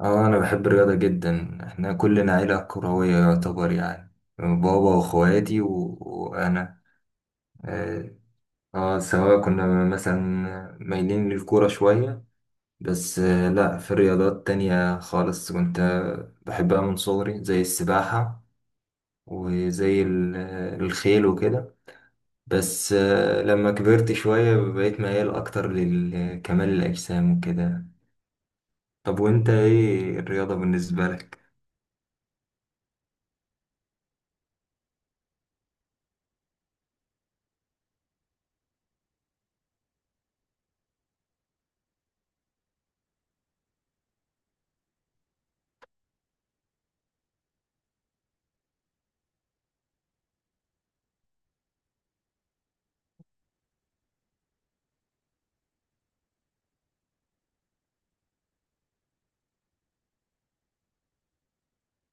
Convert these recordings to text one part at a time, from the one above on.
اه، انا بحب الرياضة جدا. احنا كلنا عيلة كروية يعتبر يعني. بابا واخواتي وانا. اه سواء كنا مثلا مايلين للكورة شوية. بس لا، في رياضات تانية خالص كنت بحبها من صغري، زي السباحة وزي ال- الخيل وكده. بس لما كبرت شوية بقيت ميال اكتر لكمال الاجسام وكده. طب وانت ايه الرياضة بالنسبة لك؟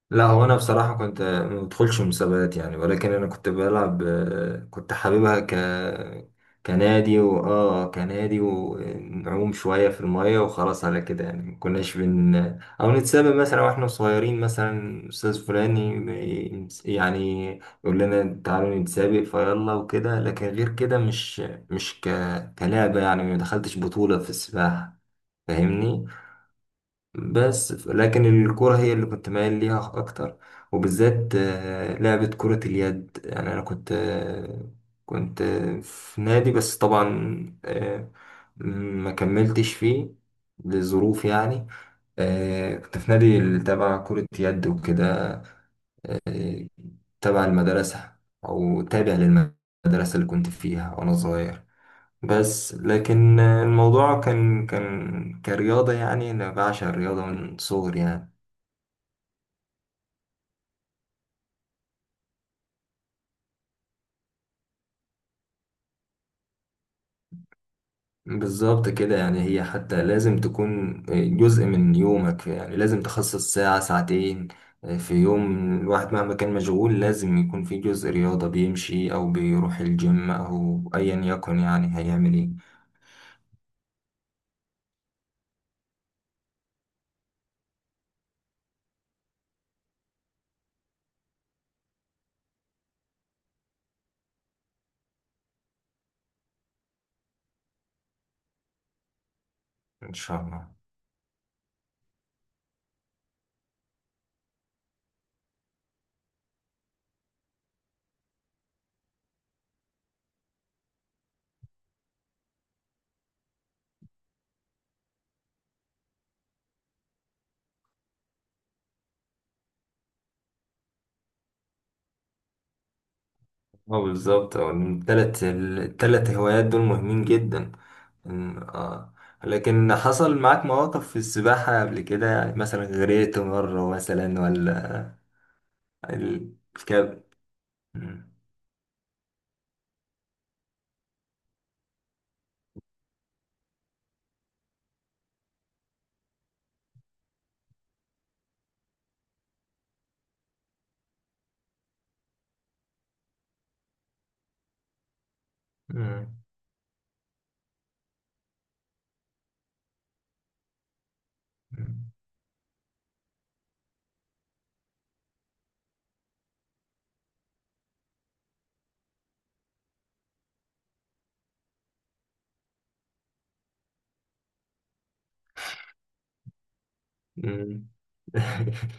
لا هو انا بصراحه كنت ما بدخلش مسابقات يعني، ولكن انا كنت بلعب، كنت حاببها ك كنادي واه كنادي، ونعوم شويه في الميه وخلاص على كده يعني. ما كناش او نتسابق. مثلا واحنا صغيرين مثلا استاذ فلاني يعني يقول لنا تعالوا نتسابق فيلا وكده، لكن غير كده مش كلعبه يعني. ما دخلتش بطوله في السباحه. فاهمني؟ بس لكن الكرة هي اللي كنت مايل ليها أكتر، وبالذات لعبة كرة اليد. يعني أنا كنت في نادي، بس طبعا ما كملتش فيه لظروف يعني. كنت في نادي اللي تبع كرة يد وكده، آه، تبع المدرسة، أو تابع للمدرسة اللي كنت فيها وأنا صغير. بس لكن الموضوع كان كرياضة. يعني أنا بعشق الرياضة من صغري يعني. بالظبط كده. يعني هي حتى لازم تكون جزء من يومك. يعني لازم تخصص ساعة ساعتين في يوم الواحد، مهما كان مشغول لازم يكون في جزء رياضة، بيمشي أو بيروح الجيم أو أيا يكن، يعني هيعمل إيه. إن شاء الله. اه، بالظبط. اه، التلات هوايات دول مهمين جدا. إن- اه لكن حصل معاك مواقف في السباحة قبل كده؟ يعني مثلا غرقت مرة مثلا ولا الكاب؟ مم. مم. مم.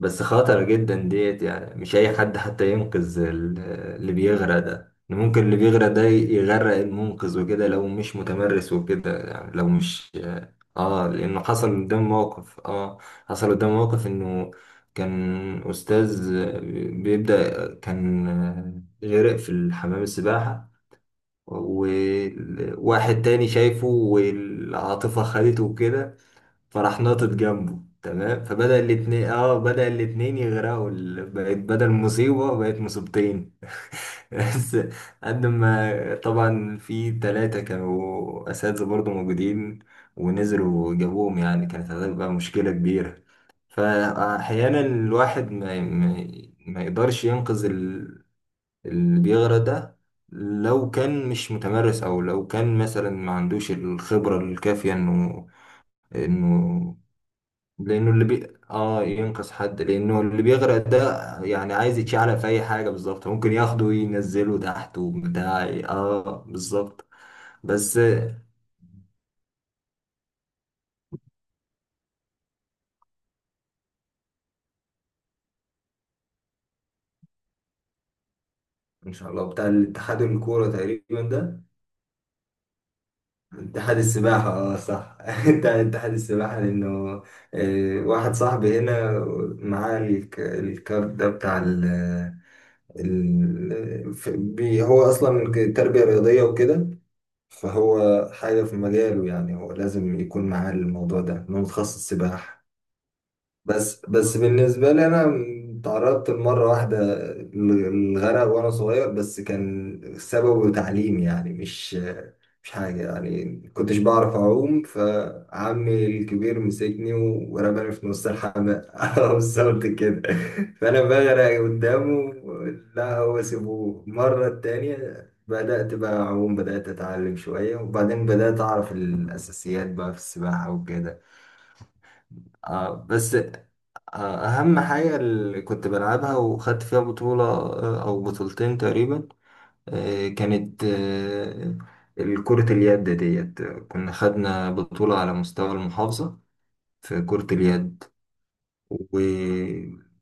بس خطر جدا ديت. يعني مش اي حد حتى ينقذ اللي بيغرق ده. إن ممكن اللي بيغرق ده يغرق المنقذ وكده لو مش متمرس وكده. يعني لو مش اه لانه حصل قدام موقف. اه، حصل قدام موقف انه كان استاذ كان غرق في الحمام السباحة، وواحد تاني شايفه والعاطفة خدته وكده، فراح ناطط جنبه تمام. فبدأ الاتنين اه بدأ الاتنين يغرقوا. بقت بدل مصيبة بقت مصيبتين. بس قد ما طبعا في 3 كانوا أساتذة برضو موجودين، ونزلوا وجابوهم، يعني كانت هتبقى مشكلة كبيرة. فأحيانا الواحد ما يقدرش ينقذ اللي بيغرق ده لو كان مش متمرس، أو لو كان مثلا ما عندوش الخبرة الكافية إنه انه لانه اللي بي... اه ينقذ حد. لانه اللي بيغرق ده يعني عايز يتشعلق في اي حاجه، بالظبط ممكن ياخده وينزله تحت وبتاع، بالظبط. بس ان شاء الله بتاع الاتحاد الكوره تقريبا ده. اتحاد السباحه، اه، صح. بتاع اتحاد السباحه لانه واحد صاحبي هنا معاه الكارت ده بتاع هو اصلا تربيه رياضيه وكده. فهو حاجة في مجاله. يعني هو لازم يكون معاه الموضوع ده، إنه متخصص سباحة. بس بالنسبة لي أنا، تعرضت لمرة واحدة للغرق وأنا صغير، بس كان سببه تعليم يعني، مش حاجة. يعني كنتش بعرف أعوم، فعمي الكبير مسكني ورماني في نص الحمام. بالظبط كده. فأنا بغرق قدامه. لا هو سيبوه المرة التانية. بدأت بقى أعوم، بدأت أتعلم شوية، وبعدين بدأت أعرف الأساسيات بقى في السباحة وكده. آه بس آه أهم حاجة اللي كنت بلعبها وخدت فيها بطولة أو بطولتين تقريبا، آه كانت آه كرة اليد ديت. كنا خدنا بطولة على مستوى المحافظة في كرة اليد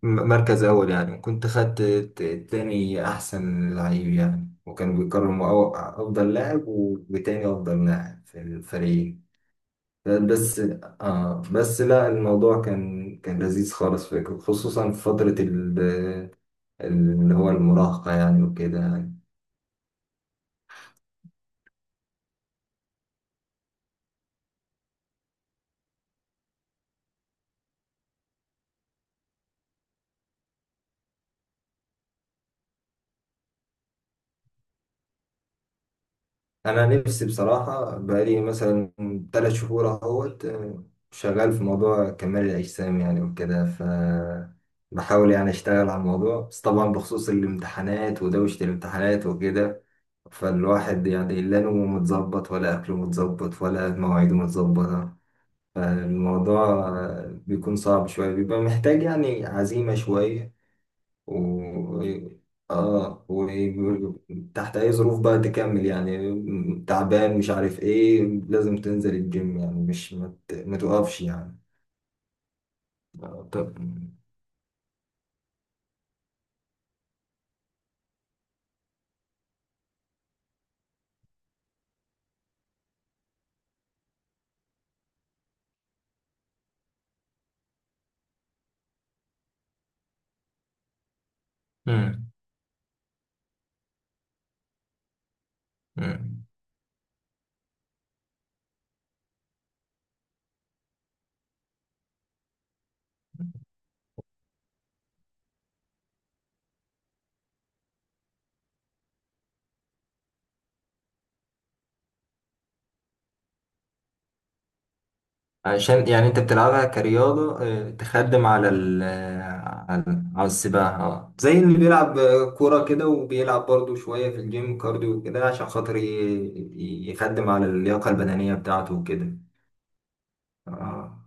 ومركز أول يعني. وكنت خدت تاني أحسن لعيب يعني. وكانوا بيكرموا أفضل لاعب وتاني أفضل لاعب في الفريق. آه، بس آه بس لا الموضوع كان لذيذ خالص فكرة، خصوصا في فترة اللي هو المراهقة يعني وكده يعني. أنا نفسي بصراحة بقالي مثلا 3 شهور أهوت، شغال في موضوع كمال الأجسام يعني وكده. ف بحاول يعني أشتغل على الموضوع، بس طبعا بخصوص الامتحانات ودوشة الامتحانات وكده، فالواحد يعني لا نومه متظبط ولا أكله متظبط ولا مواعيده متظبطة. الموضوع بيكون صعب شوية، بيبقى محتاج يعني عزيمة شوية. و اه وتحت أي ظروف بقى تكمل، يعني تعبان مش عارف ايه، لازم تنزل الجيم. يعني مش ما تقفش يعني. آه، طب. مم. مم. عشان يعني انت بتلعبها كرياضة، تخدم على ال آه، على على السباحة، اه. زي اللي بيلعب كورة كده، وبيلعب برضو شوية في الجيم كارديو كده عشان خاطر يخدم على اللياقة البدنية بتاعته وكده. اه.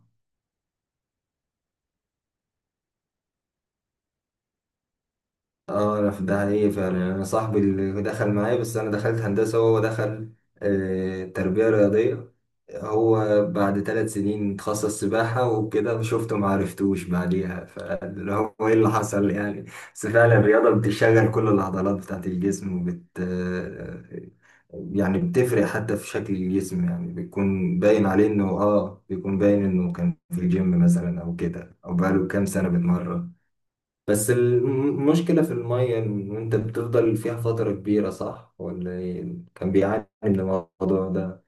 اه، انا في ده حقيقي فعلا. يعني انا صاحبي اللي دخل معايا، بس انا دخلت هندسه وهو دخل تربيه رياضيه. هو بعد 3 سنين اتخصص سباحه وكده، شفته ما عرفتوش بعديها. فاللي هو ايه اللي حصل يعني. بس فعلا الرياضه بتشغل كل العضلات بتاعت الجسم وبت آه، يعني بتفرق حتى في شكل الجسم. يعني بيكون باين عليه انه، بيكون باين انه كان في الجيم مثلا او كده، او بقاله كام سنه بيتمرن. بس المشكلة في المية إن أنت بتفضل فيها فترة كبيرة، صح؟ ولا إيه؟ كان بيعاني من الموضوع ده.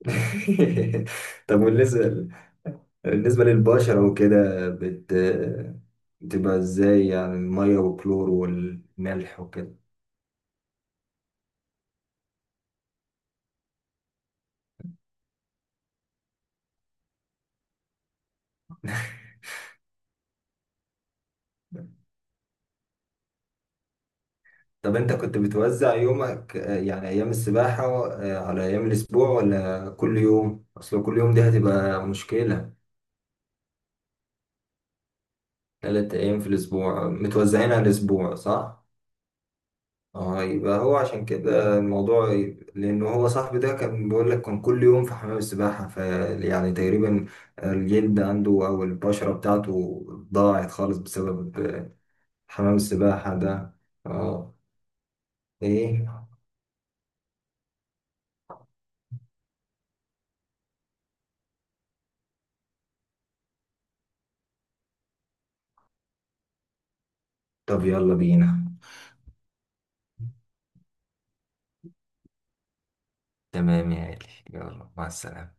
طب بالنسبة للبشرة وكده بتبقى إزاي، يعني المية والكلور والملح وكده؟ طب أنت كنت بتوزع يومك يعني أيام السباحة على أيام الأسبوع ولا كل يوم؟ أصل كل يوم دي هتبقى مشكلة. 3 أيام في الأسبوع متوزعين على الأسبوع، صح؟ اه يبقى هو عشان كده الموضوع لان هو صاحبي ده كان بيقول لك كان كل يوم في حمام السباحة. ف يعني تقريبا الجلد عنده او البشرة بتاعته ضاعت خالص بسبب حمام السباحة ده. اه. ايه؟ طب يلا بينا. تمام يا غالي، يلا مع السلامة.